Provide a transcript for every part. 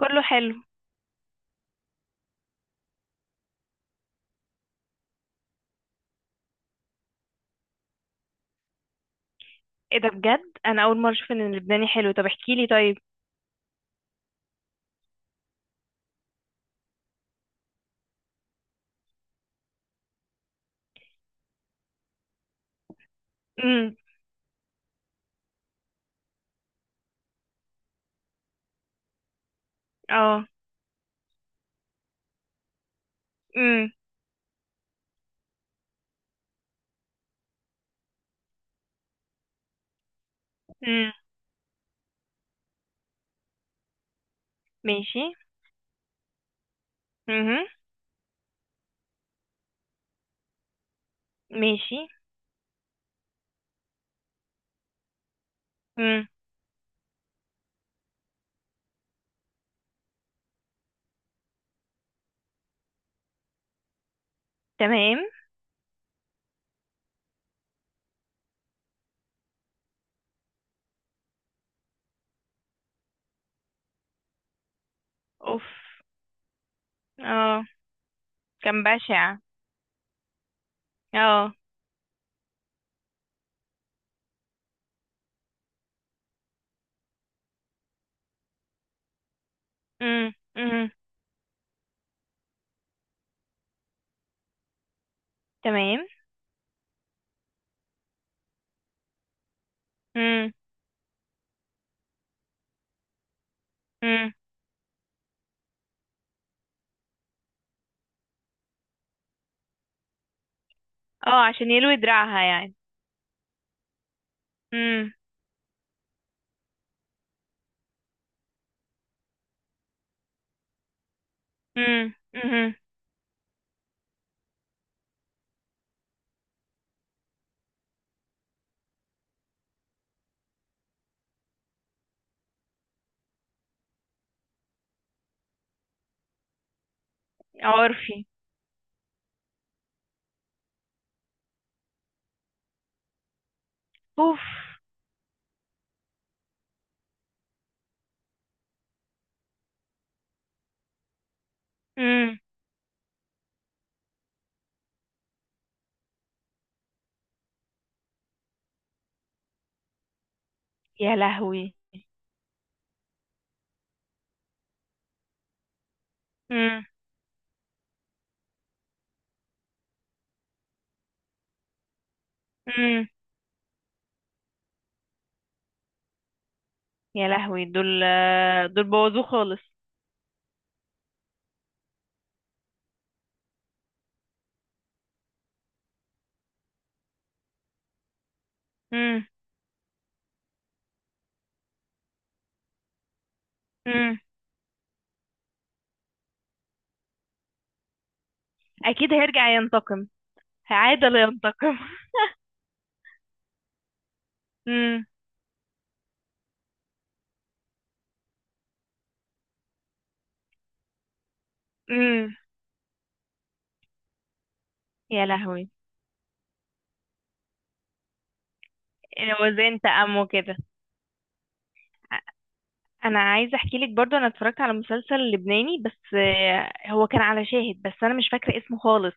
كله حلو. ايه ده؟ بجد انا اول مره اشوف ان اللبناني حلو. طب احكي لي طيب. امم. اه. امم. امم. ماشي. امم. ماشي. امم. تمام. اوف. اه. كان بشع. اه. امم. امم. تمام. امم. امم. اه، عشان يلوي دراعها يعني. امم. امم. امم. عرفي. اوف. امم. يا لهوي. امم. امم. يا لهوي دول. دول بوظوه خالص. امم. امم. اكيد هيرجع ينتقم. عادة لا ينتقم. امم. امم. يا لهوي. وزن تأمه كده. انا عايزه احكي لك برضو انا اتفرجت على مسلسل لبناني بس هو كان على شاهد بس انا مش فاكره اسمه خالص.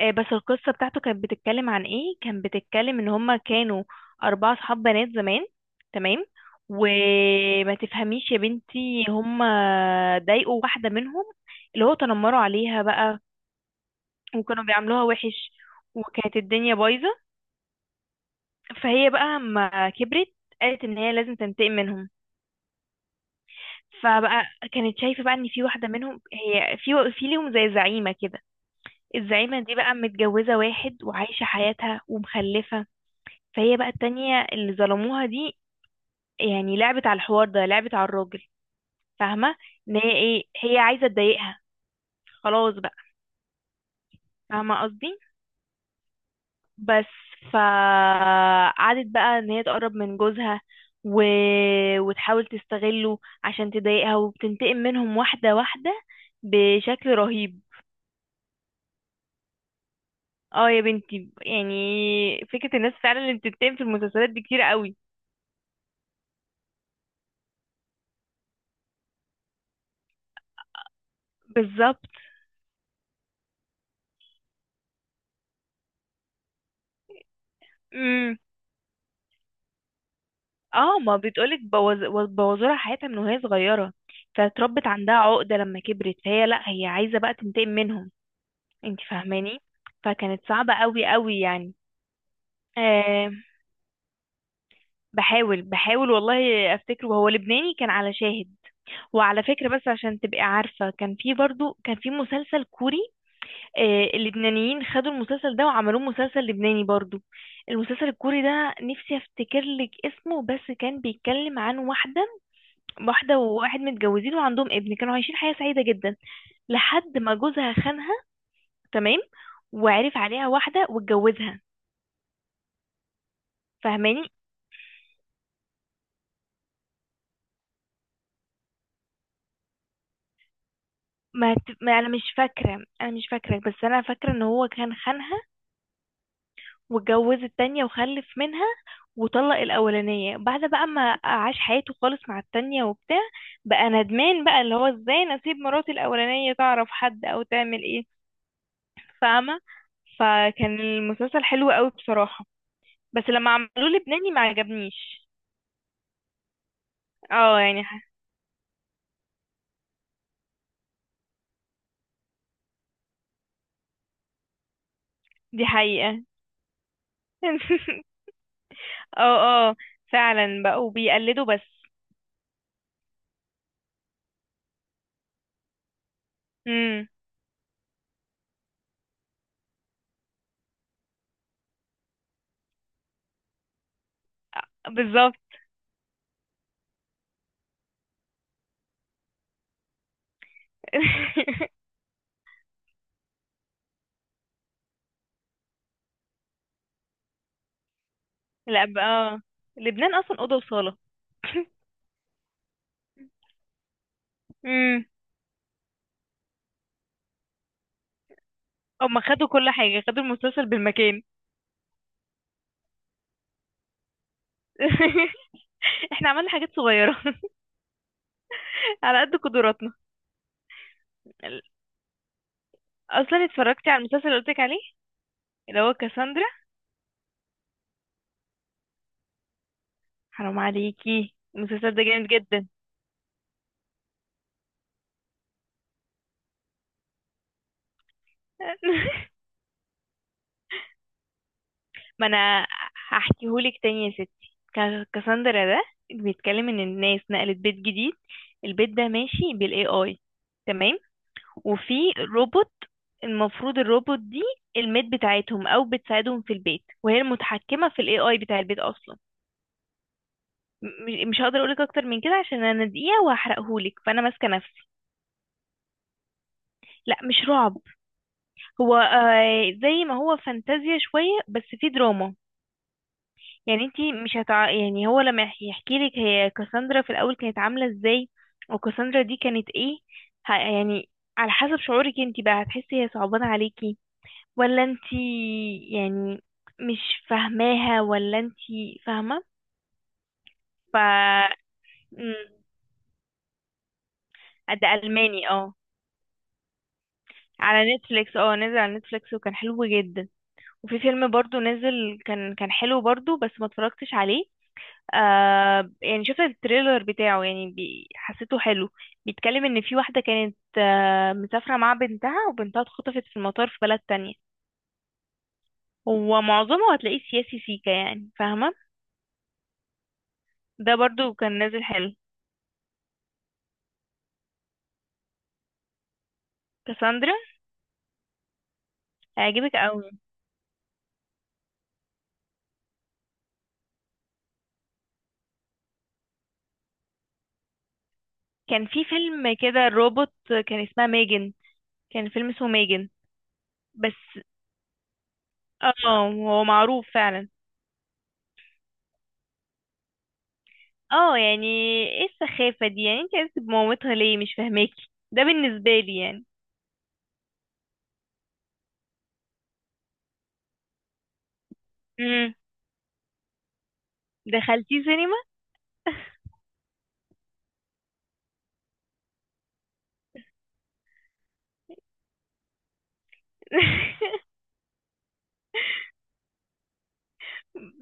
بس القصه بتاعته كانت بتتكلم عن ايه؟ كانت بتتكلم ان هما كانوا اربعه صحاب بنات زمان. تمام. وما تفهميش يا بنتي هما ضايقوا واحده منهم، اللي هو تنمروا عليها بقى وكانوا بيعاملوها وحش وكانت الدنيا بايظه. فهي بقى اما كبرت قالت ان هي لازم تنتقم منهم. فبقى كانت شايفه بقى ان في واحده منهم هي في ليهم زي زعيمه كده. الزعيمه دي بقى متجوزه واحد وعايشه حياتها ومخلفه. فهي بقى التانية اللي ظلموها دي، يعني لعبت على الحوار ده، لعبت على الراجل. فاهمه؟ ان هي ايه هي عايزه تضايقها. خلاص بقى. فاهمه قصدي. بس. فقعدت بقى ان هي تقرب من جوزها و... وتحاول تستغله عشان تضايقها وبتنتقم منهم واحدة واحدة بشكل رهيب. اه يا بنتي يعني فكرة الناس فعلا اللي بتنتقم في المسلسلات دي كتير قوي. بالظبط. امم. اه ما بتقولك بوظولها حياتها من وهي صغيرة. فاتربت عندها عقدة لما كبرت فهي لا هي عايزة بقى تنتقم منهم. انت فاهماني؟ فكانت صعبة قوي قوي يعني. آه، بحاول بحاول والله افتكره، هو لبناني كان على شاهد. وعلى فكرة بس عشان تبقي عارفة كان في برضو كان في مسلسل كوري. اللبنانيين خدوا المسلسل ده وعملوه مسلسل لبناني برضو. المسلسل الكوري ده نفسي افتكر لك اسمه بس كان بيتكلم عن واحدة. واحدة وواحد متجوزين وعندهم ابن كانوا عايشين حياة سعيدة جدا لحد ما جوزها خانها. تمام. وعرف عليها واحدة واتجوزها. فاهماني؟ ما انا مش فاكرة بس انا فاكرة ان هو كان خانها. واتجوز التانية وخلف منها. وطلق الأولانية بعد بقى ما عاش حياته خالص مع التانية وبتاع. بقى ندمان بقى اللي هو ازاي انا اسيب مراتي الأولانية تعرف حد أو تعمل ايه. فاهمة؟ فكان المسلسل حلو قوي بصراحة، بس لما عملوه لبناني ما عجبنيش. اه، يعني دي حقيقة. اه اه فعلا بقوا بيقلدوا بس. امم. بالظبط. لا بقى لبنان اصلا اوضه وصاله. مم. هما خدوا كل حاجة خدوا المسلسل بالمكان. احنا عملنا حاجات صغيرة على قد قدراتنا. اصلا اتفرجتي على المسلسل اللي قلتلك عليه اللي هو كاساندرا؟ حرام عليكي المسلسل ده جامد جدا. ما انا هحكيهولك تاني يا ستي. كاساندرا ده بيتكلم ان الناس نقلت بيت جديد. البيت ده ماشي بالاي اي. تمام. وفي روبوت. المفروض الروبوت دي الميت بتاعتهم او بتساعدهم في البيت وهي المتحكمة في الاي اي بتاع البيت اصلا. مش هقدر اقولك اكتر من كده عشان انا دقيقة وهحرقهولك فانا ماسكة نفسي. لا مش رعب. هو زي ما هو فانتازيا شوية بس في دراما. يعني انتي مش هتع... يعني هو لما يحكي لك هي كاساندرا في الاول كانت عاملة ازاي وكاساندرا دي كانت ايه يعني على حسب شعورك انتي بقى هتحسي هي صعبانة عليكي ولا انتي يعني مش فاهماها ولا انتي فاهمة. ف مم. ده ألماني اه. على نتفليكس نزل على نتفليكس وكان حلو جدا. وفي فيلم برضو نزل كان حلو برضو بس ما اتفرجتش عليه. يعني شفت التريلر بتاعه يعني حسيته حلو. بيتكلم ان في واحدة كانت مسافرة مع بنتها وبنتها اتخطفت في المطار في بلد تانية. هو معظمه هتلاقيه سياسي سيكا يعني فاهمة. ده برضو كان نازل حلو. كاساندرا هيعجبك قوي. كان في فيلم كده روبوت، كان اسمها ميجن، كان فيلم اسمه ميجن. بس. اه. هو معروف فعلا. اه يعني ايه السخافة دي؟ يعني انت عايزة بمامتها ليه؟ مش فاهماكي ده بالنسبة لي يعني. امم. دخلتي سينما؟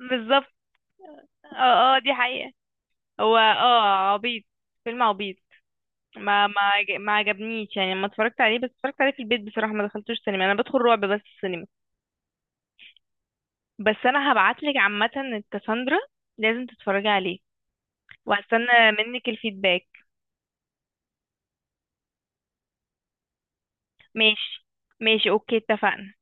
بالظبط. اه اه دي حقيقة. هو عبيط، فيلم عبيط. ما عجبنيش يعني لما اتفرجت عليه، بس اتفرجت عليه في البيت بصراحة، ما دخلتوش سينما، انا بدخل رعب بس السينما. بس انا هبعتلك عامة الكاساندرا. لازم تتفرجي عليه. وهستنى منك الفيدباك. ماشي ماشي اوكي اتفقنا.